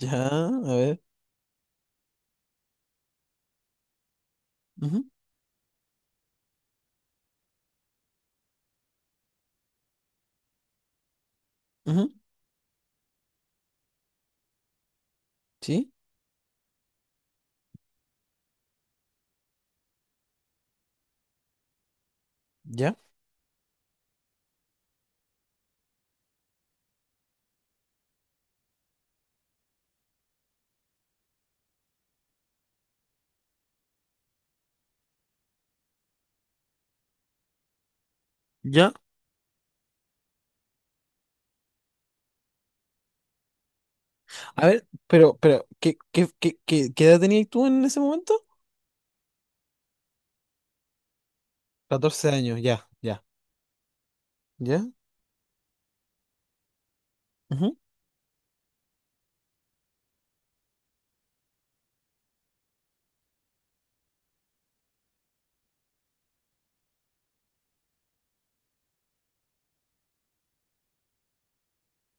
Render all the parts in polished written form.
Ya, a ver. Ujú, ujú. Sí, ya, ya. A ver, pero, ¿qué edad tenías tú en ese momento? 14 años, ya, ya, ya. Ujú.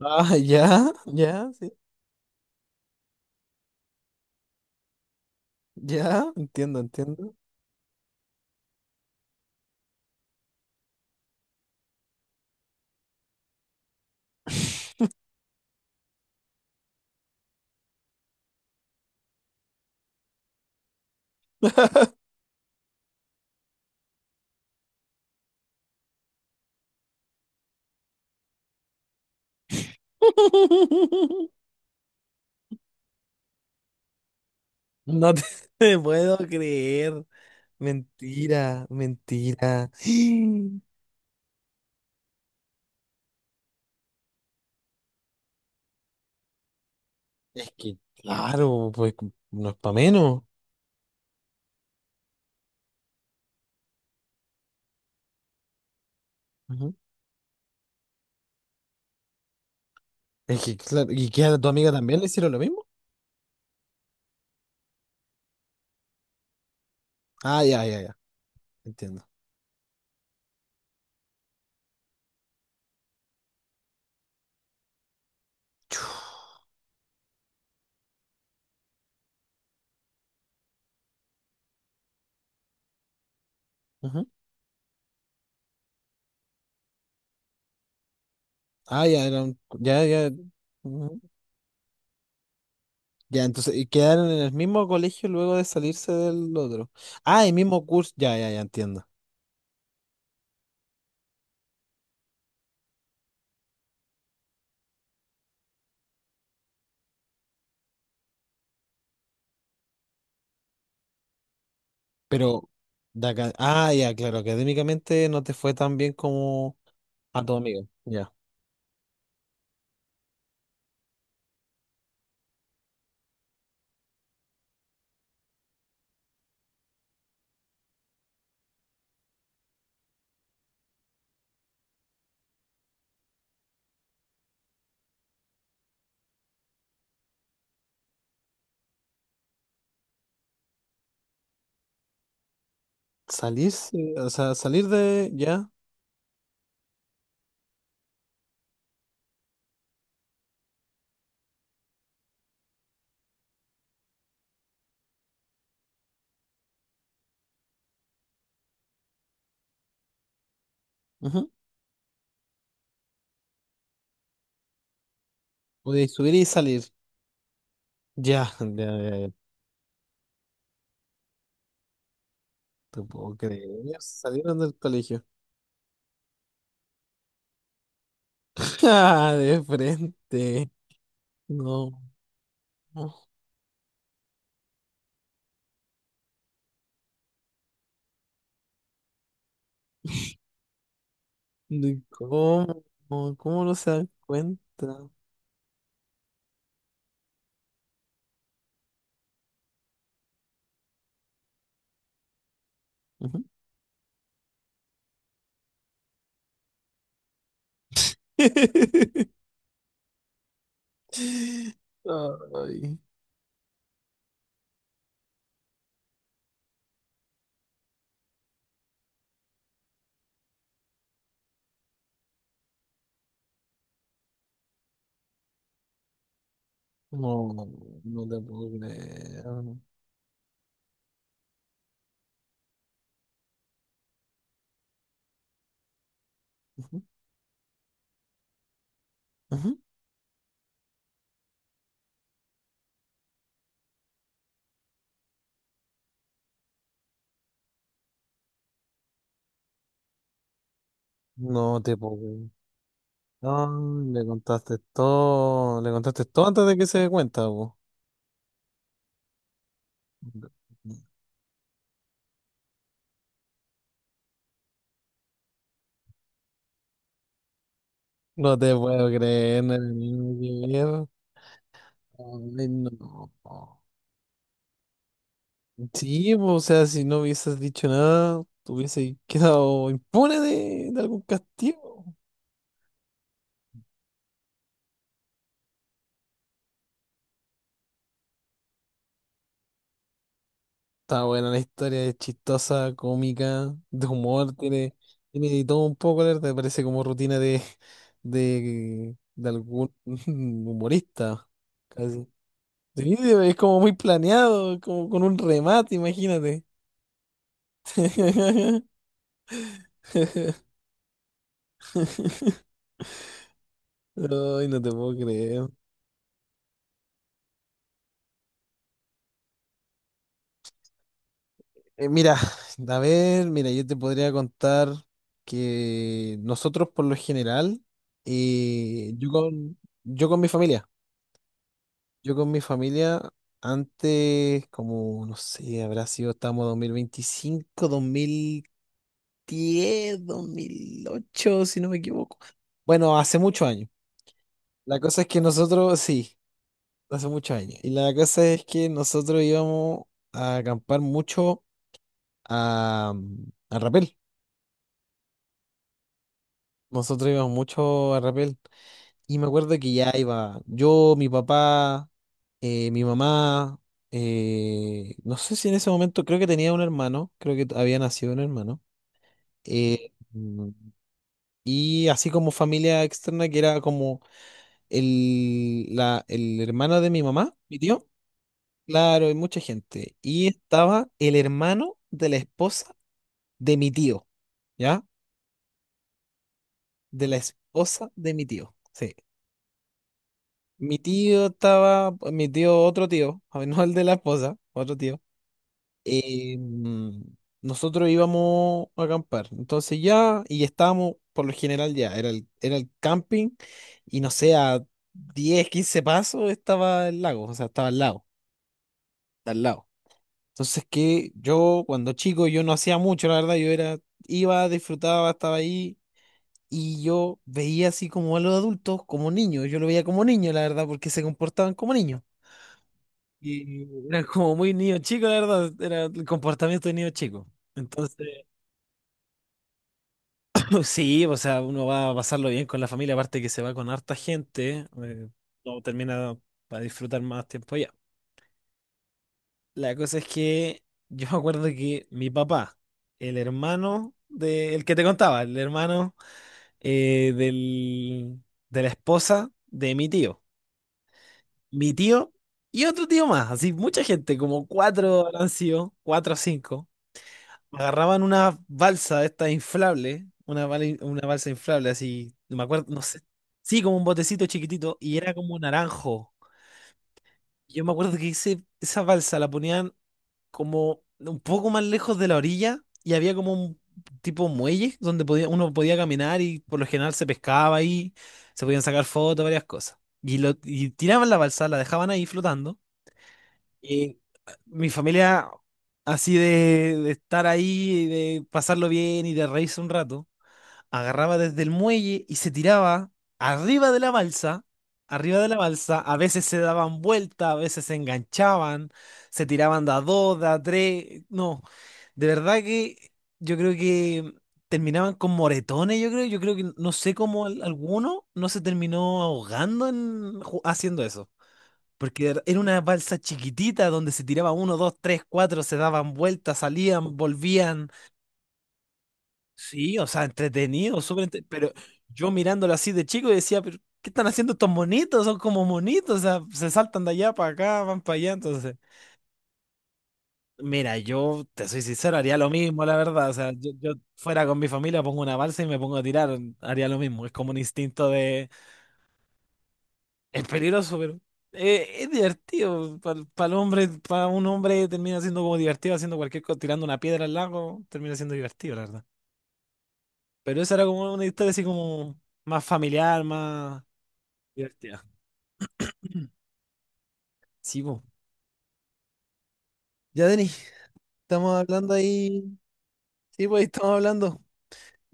Ah, ya, ya, sí. Ya, entiendo, entiendo. No te te puedo creer. Mentira, mentira. Es que, claro, pues no es para menos. Ujú. Es que, claro, ¿y qué a tu amiga también le hicieron lo mismo? Ah, ya, ya, ya. Entiendo. Ujú. Ah, ya eran, ya, ya, ujú. Ya, entonces, y quedaron en el mismo colegio luego de salirse del otro. Ah, el mismo curso, ya, ya, ya entiendo. Pero, ah, ya, claro, académicamente no te fue tan bien como a tu amigo, ya. Salirse, o sea, salir de, ya, ujú. O de subir y salir, ya, ya, ya, ya. Te puedo creer, salieron del colegio. Ah, de frente, no. ¿De ¿Cómo? ¿Cómo no se dan cuenta? Ujú. Ay, no, no te puedo creer. Ujú, ujú. No te puedo creer. No, le contaste todo antes de que se dé cuenta, po. No te puedo creer, no era ni que ver. Ay, no. Sí, po, o sea, si no hubieses dicho nada, te hubiese quedado impune de algún castigo. Está buena la historia, es chistosa, cómica, de humor, tiene, de todo un poco, la ¿verdad? Parece como rutina de, de algún humorista, casi. Sí, es como muy planeado, como con un remate, imagínate. Ay, no te puedo creer. Mira, a ver, mira, yo te podría contar que nosotros por lo general, eh, yo con, yo con mi familia. Yo con mi familia, antes, como, no sé, habrá sido, estamos 2025, 2025 2008 si no me equivoco. Bueno, hace muchos años. La cosa es que nosotros, sí, hace muchos años. Y la cosa es que nosotros íbamos a acampar mucho a Rapel. Nosotros íbamos mucho a Rapel. Y me acuerdo que ya iba yo, mi papá, mi mamá, no sé si en ese momento creo que tenía un hermano, creo que había nacido un hermano. eh, mm, y así como familia externa que era como el hermano de mi mamá, mi tío. Claro, hay mucha gente. Y estaba el hermano de la esposa de mi tío, ¿ya? De la esposa de mi tío. Sí. Mi tío estaba, mi tío, otro tío, no el de la esposa, otro tío. eh, mm, nosotros íbamos a acampar. Entonces ya, y estábamos, por lo general ya, era el camping, y no sé, a 10 15 pasos estaba el lago, o sea, estaba al lado, al lado. Entonces que yo, cuando chico, yo no hacía mucho, la verdad, yo era, iba, disfrutaba, estaba ahí. Y yo veía así como a los adultos, como niños, yo lo veía como niño, la verdad, porque se comportaban como niños. Y era como muy niño chico, la verdad, era el comportamiento de niño chico. Entonces, sí, o sea, uno va a pasarlo bien con la familia, aparte que se va con harta gente, uno termina para disfrutar más tiempo allá. La cosa es que yo me acuerdo que mi papá, el hermano de, el que te contaba, el hermano del, de la esposa de mi tío y otro tío más, así mucha gente, como cuatro han sido, cuatro o cinco. Agarraban una balsa de estas inflables, una balsa inflable así, no me acuerdo, no sé. Sí, como un botecito chiquitito y era como naranjo. Y yo me acuerdo que esa balsa la ponían como un poco más lejos de la orilla y había como un tipo muelle donde uno podía caminar y por lo general se pescaba ahí, se podían sacar fotos, varias cosas. Y tiraban la balsa, la dejaban ahí flotando. Y mi familia, así de, estar ahí, de pasarlo bien y de reírse un rato, agarraba desde el muelle y se tiraba arriba de la balsa, arriba de la balsa, a veces se daban vuelta, a veces se enganchaban, se tiraban de a dos, de a tres, no, de verdad que yo creo que terminaban con moretones, yo creo que no sé cómo alguno no se terminó ahogando haciendo eso. Porque era una balsa chiquitita donde se tiraba uno, dos, tres, cuatro, se daban vueltas, salían, volvían. Sí, o sea, entretenido, súper pero yo mirándolo así de chico decía, pero ¿qué están haciendo estos monitos? Son como monitos, o sea, se saltan de allá para acá, van para allá. Entonces, mira, yo te soy sincero, haría lo mismo, la verdad. O sea, yo fuera con mi familia, pongo una balsa y me pongo a tirar, haría lo mismo. Es como un instinto de. Es peligroso, pero es divertido. Para el hombre, para un hombre termina siendo como divertido haciendo cualquier cosa, tirando una piedra al lago, termina siendo divertido, la verdad. Pero esa era como una historia así como más familiar, más divertida. Sí, po. Ya, Denis, estamos hablando ahí. Sí, pues ahí estamos hablando.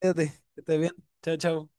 Quédate, que estés bien. Chao, chao.